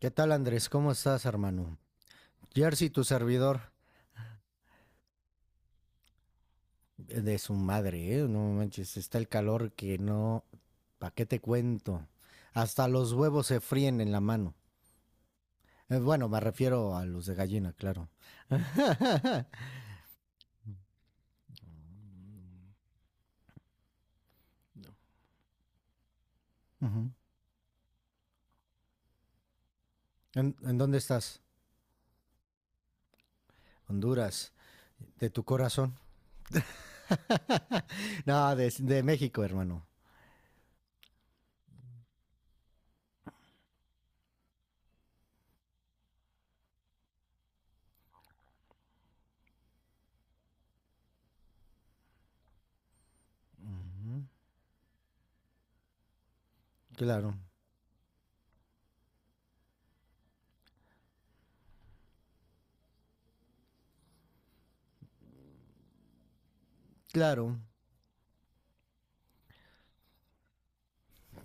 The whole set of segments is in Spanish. ¿Qué tal, Andrés? ¿Cómo estás, hermano? Jersey, tu servidor. De su madre, ¿eh? No manches, está el calor que no. ¿Para qué te cuento? Hasta los huevos se fríen en la mano. Bueno, me refiero a los de gallina, claro. Ujú. ¿En dónde estás? Honduras. ¿De tu corazón? No, de México, hermano. Ujú. Claro, claro.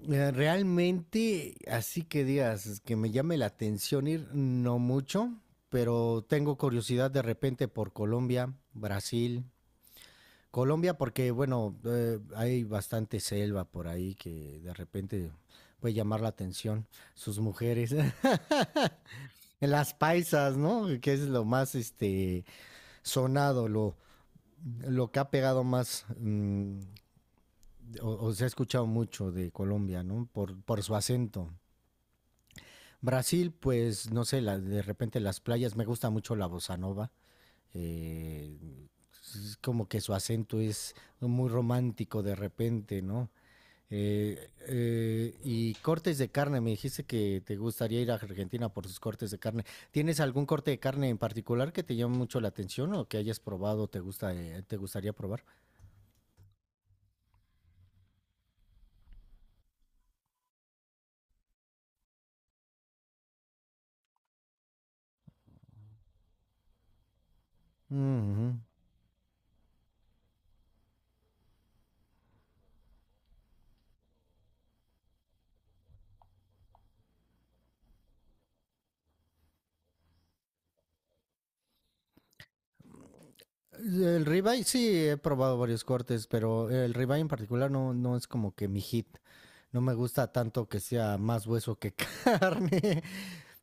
Realmente, así que digas, es que me llame la atención ir, no mucho, pero tengo curiosidad de repente por Colombia, Brasil. Colombia porque, bueno, hay bastante selva por ahí que de repente puede llamar la atención. Sus mujeres, las paisas, ¿no? Que es lo más, sonado, lo que ha pegado más, o se ha escuchado mucho de Colombia, ¿no? Por su acento. Brasil, pues no sé, de repente las playas, me gusta mucho la bossa nova. eh, es como que su acento es muy romántico de repente, ¿no? Y cortes de carne, me dijiste que te gustaría ir a Argentina por sus cortes de carne. ¿Tienes algún corte de carne en particular que te llame mucho la atención o que hayas probado, te gusta, te gustaría probar? Ujú. El ribeye sí he probado varios cortes, pero el ribeye en particular no es como que mi hit. No me gusta tanto que sea más hueso que carne.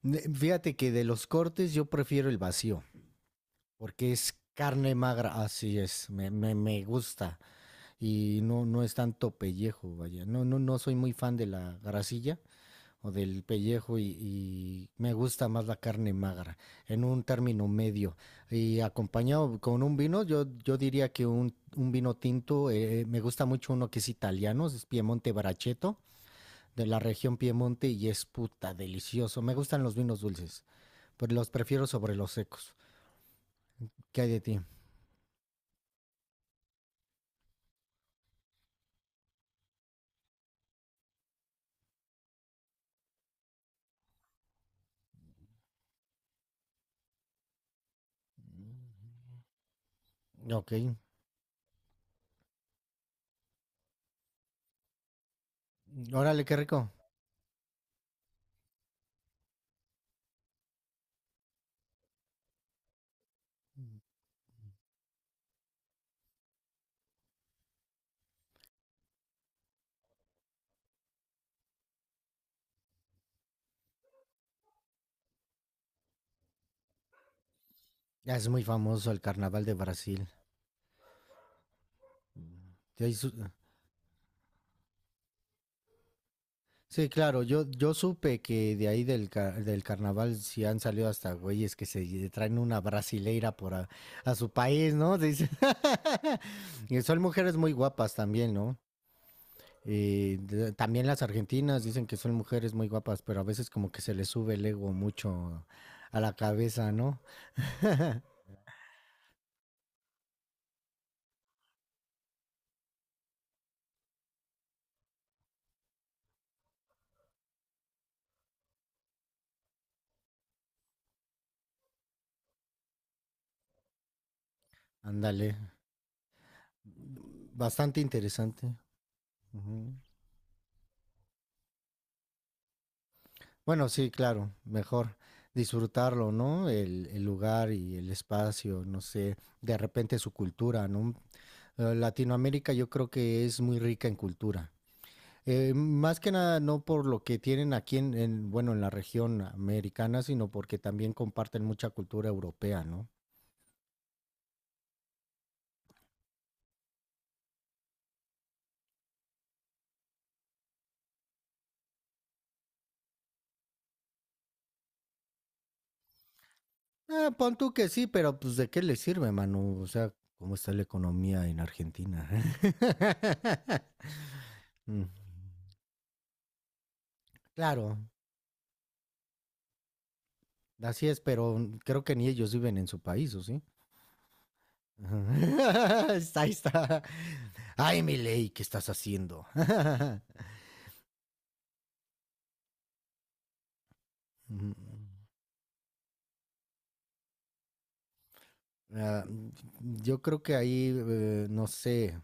Fíjate que de los cortes yo prefiero el vacío, porque es carne magra, así es, me gusta. Y no es tanto pellejo, vaya. No, no, no soy muy fan de la grasilla o del pellejo y me gusta más la carne magra, en un término medio. Y acompañado con un vino, yo diría que un vino tinto, me gusta mucho uno que es italiano, es Piemonte Barachetto de la región Piemonte y es puta delicioso. Me gustan los vinos dulces, pero los prefiero sobre los secos. ¿Qué hay de ti? Ok, órale, qué rico. Es muy famoso el carnaval de Brasil. Ya hizo- Sí, claro, yo supe que de ahí del carnaval sí han salido hasta güeyes que se traen una brasileira por a su país, ¿no? Y son mujeres muy guapas también, ¿no? Y también las argentinas dicen que son mujeres muy guapas, pero a veces como que se les sube el ego mucho a la cabeza, ¿no? Ándale. Bastante interesante. Bueno, sí, claro, mejor disfrutarlo, ¿no? El lugar y el espacio, no sé, de repente su cultura, ¿no? Latinoamérica yo creo que es muy rica en cultura. Más que nada no por lo que tienen aquí bueno, en la región americana, sino porque también comparten mucha cultura europea, ¿no? Ah, pon tú que sí, pero pues ¿de qué le sirve, mano? O sea, ¿cómo está la economía en Argentina? Mm. Claro, así es, pero creo que ni ellos viven en su país, ¿o sí? Ajá. Ahí está. Ay, Milei, ¿qué estás haciendo? Ah, yo creo que ahí, no sé,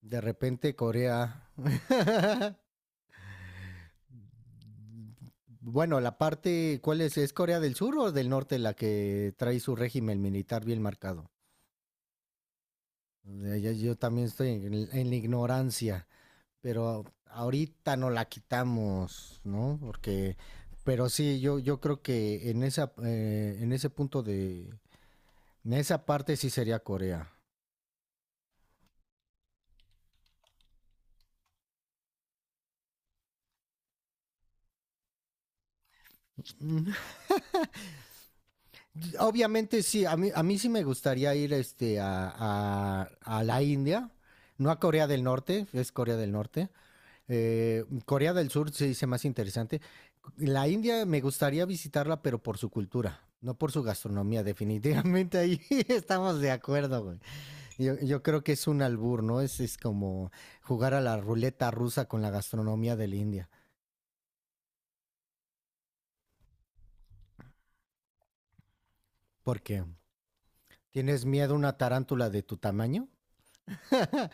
de repente Corea. Bueno, la parte, ¿cuál es? ¿Es Corea del Sur o del Norte la que trae su régimen militar bien marcado? Yo también estoy en la ignorancia. Pero ahorita no la quitamos, ¿no? Pero sí, yo creo que en ese punto en esa parte sí sería Corea. Mm, Obviamente sí, a mí sí me gustaría ir a la India, no a Corea del Norte, es Corea del Norte. Corea del Sur se dice más interesante. La India me gustaría visitarla, pero por su cultura, no por su gastronomía, definitivamente ahí estamos de acuerdo, güey. Yo creo que es un albur, ¿no? Es como jugar a la ruleta rusa con la gastronomía de la India. ¿Por qué? ¿Tienes miedo a una tarántula de tu tamaño?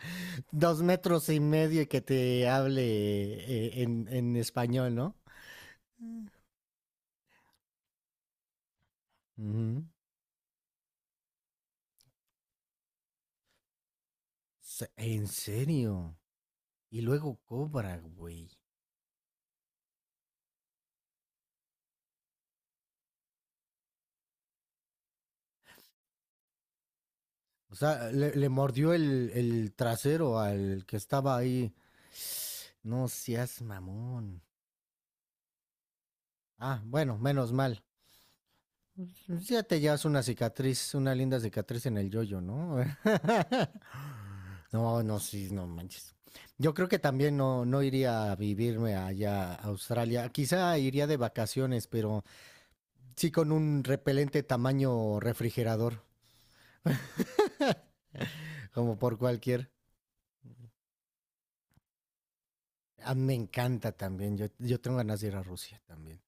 2.5 metros y que te hable en español, ¿no? Ujú. En serio. Y luego cobra, güey. O sea, le mordió el trasero al que estaba ahí. No seas mamón. Ah, bueno, menos mal. Pues ya te llevas una cicatriz, una linda cicatriz en el yoyo, ¿no? No, no, sí, no manches. Yo creo que también no iría a vivirme allá a Australia. Quizá iría de vacaciones, pero sí con un repelente tamaño refrigerador, como por cualquier. A me encanta también. Yo tengo ganas de ir a Rusia también.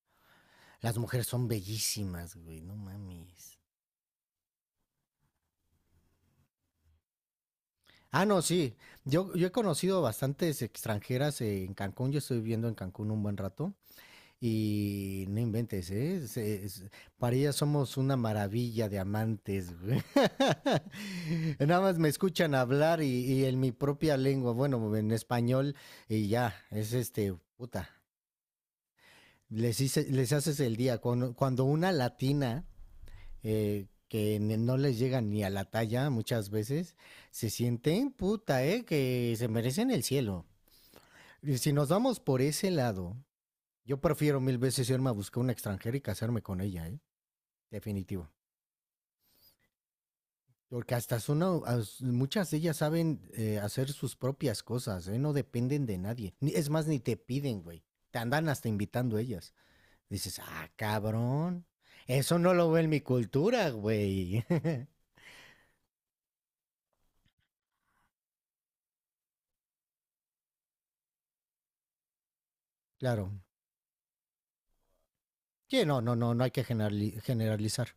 Las mujeres son bellísimas, güey, no mames. Ah, no, sí. Yo he conocido bastantes extranjeras en Cancún. Yo estoy viviendo en Cancún un buen rato. Y no inventes, ¿eh? Para ella somos una maravilla de amantes, güey. Nada más me escuchan hablar y en mi propia lengua, bueno, en español, y ya, es este, puta. Les haces el día. Cuando una latina que no les llega ni a la talla muchas veces, se sienten, puta, ¿eh? Que se merecen el cielo. Y si nos vamos por ese lado, yo prefiero mil veces irme a buscar una extranjera y casarme con ella, ¿eh? Definitivo. Porque hasta muchas de ellas saben hacer sus propias cosas, ¿eh? No dependen de nadie. Es más, ni te piden, güey. Te andan hasta invitando ellas. Dices, ah, cabrón. Eso no lo veo en mi cultura, güey. Claro. Sí, no, no, no, no hay que generalizar.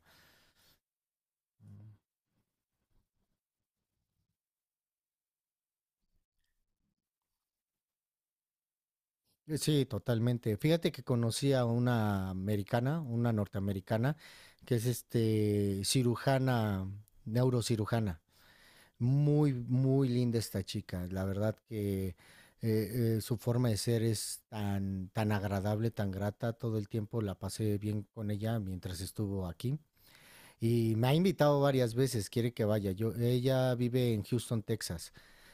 Sí, totalmente. Fíjate que conocí a una americana, una norteamericana, que es neurocirujana. Muy, muy linda esta chica. La verdad que su forma de ser es tan, tan agradable, tan grata. Todo el tiempo la pasé bien con ella mientras estuvo aquí. Y me ha invitado varias veces, quiere que vaya. Ella vive en Houston, Texas.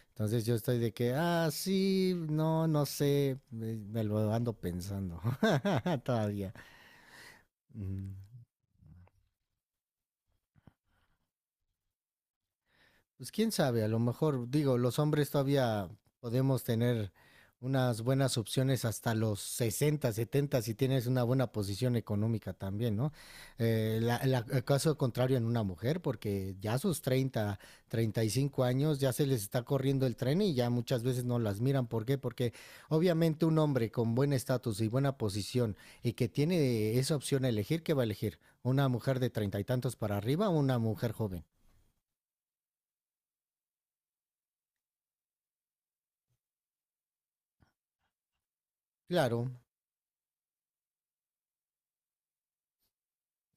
Entonces yo estoy de que, ah, sí, no, no sé. Me lo ando pensando todavía. Mm. Pues quién sabe, a lo mejor, digo, los hombres todavía podemos tener unas buenas opciones hasta los 60, 70, si tienes una buena posición económica también, ¿no? El caso contrario en una mujer, porque ya a sus 30, 35 años ya se les está corriendo el tren y ya muchas veces no las miran. ¿Por qué? Porque obviamente un hombre con buen estatus y buena posición y que tiene esa opción a elegir, ¿qué va a elegir? ¿Una mujer de 30 y tantos para arriba o una mujer joven? Claro,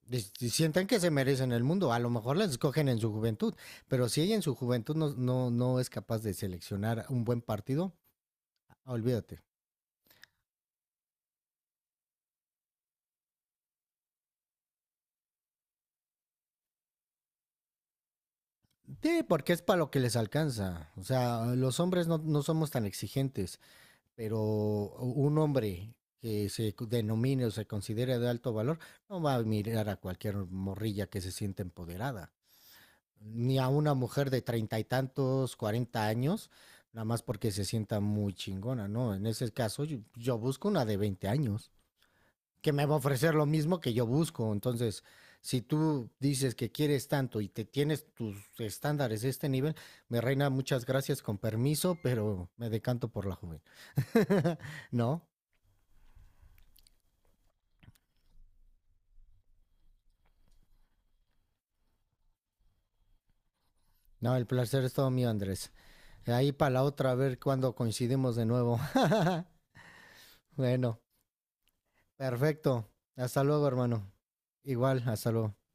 y si sientan que se merecen el mundo. A lo mejor las escogen en su juventud, pero si ella en su juventud no, no, no es capaz de seleccionar un buen partido, ah, olvídate. Sí, porque es para lo que les alcanza. O sea, los hombres no somos tan exigentes, pero un hombre que se denomine o se considere de alto valor no va a mirar a cualquier morrilla que se siente empoderada. Ni a una mujer de 30 y tantos, 40 años, nada más porque se sienta muy chingona, ¿no? En ese caso, yo busco una de 20 años, que me va a ofrecer lo mismo que yo busco. Entonces, si tú dices que quieres tanto y te tienes tus estándares de este nivel, me reina, muchas gracias, con permiso, pero me decanto por la joven. ¿No? No, el placer es todo mío, Andrés. Ahí para la otra, a ver cuándo coincidimos de nuevo. Bueno, perfecto. Hasta luego, hermano. Igual, hasta luego.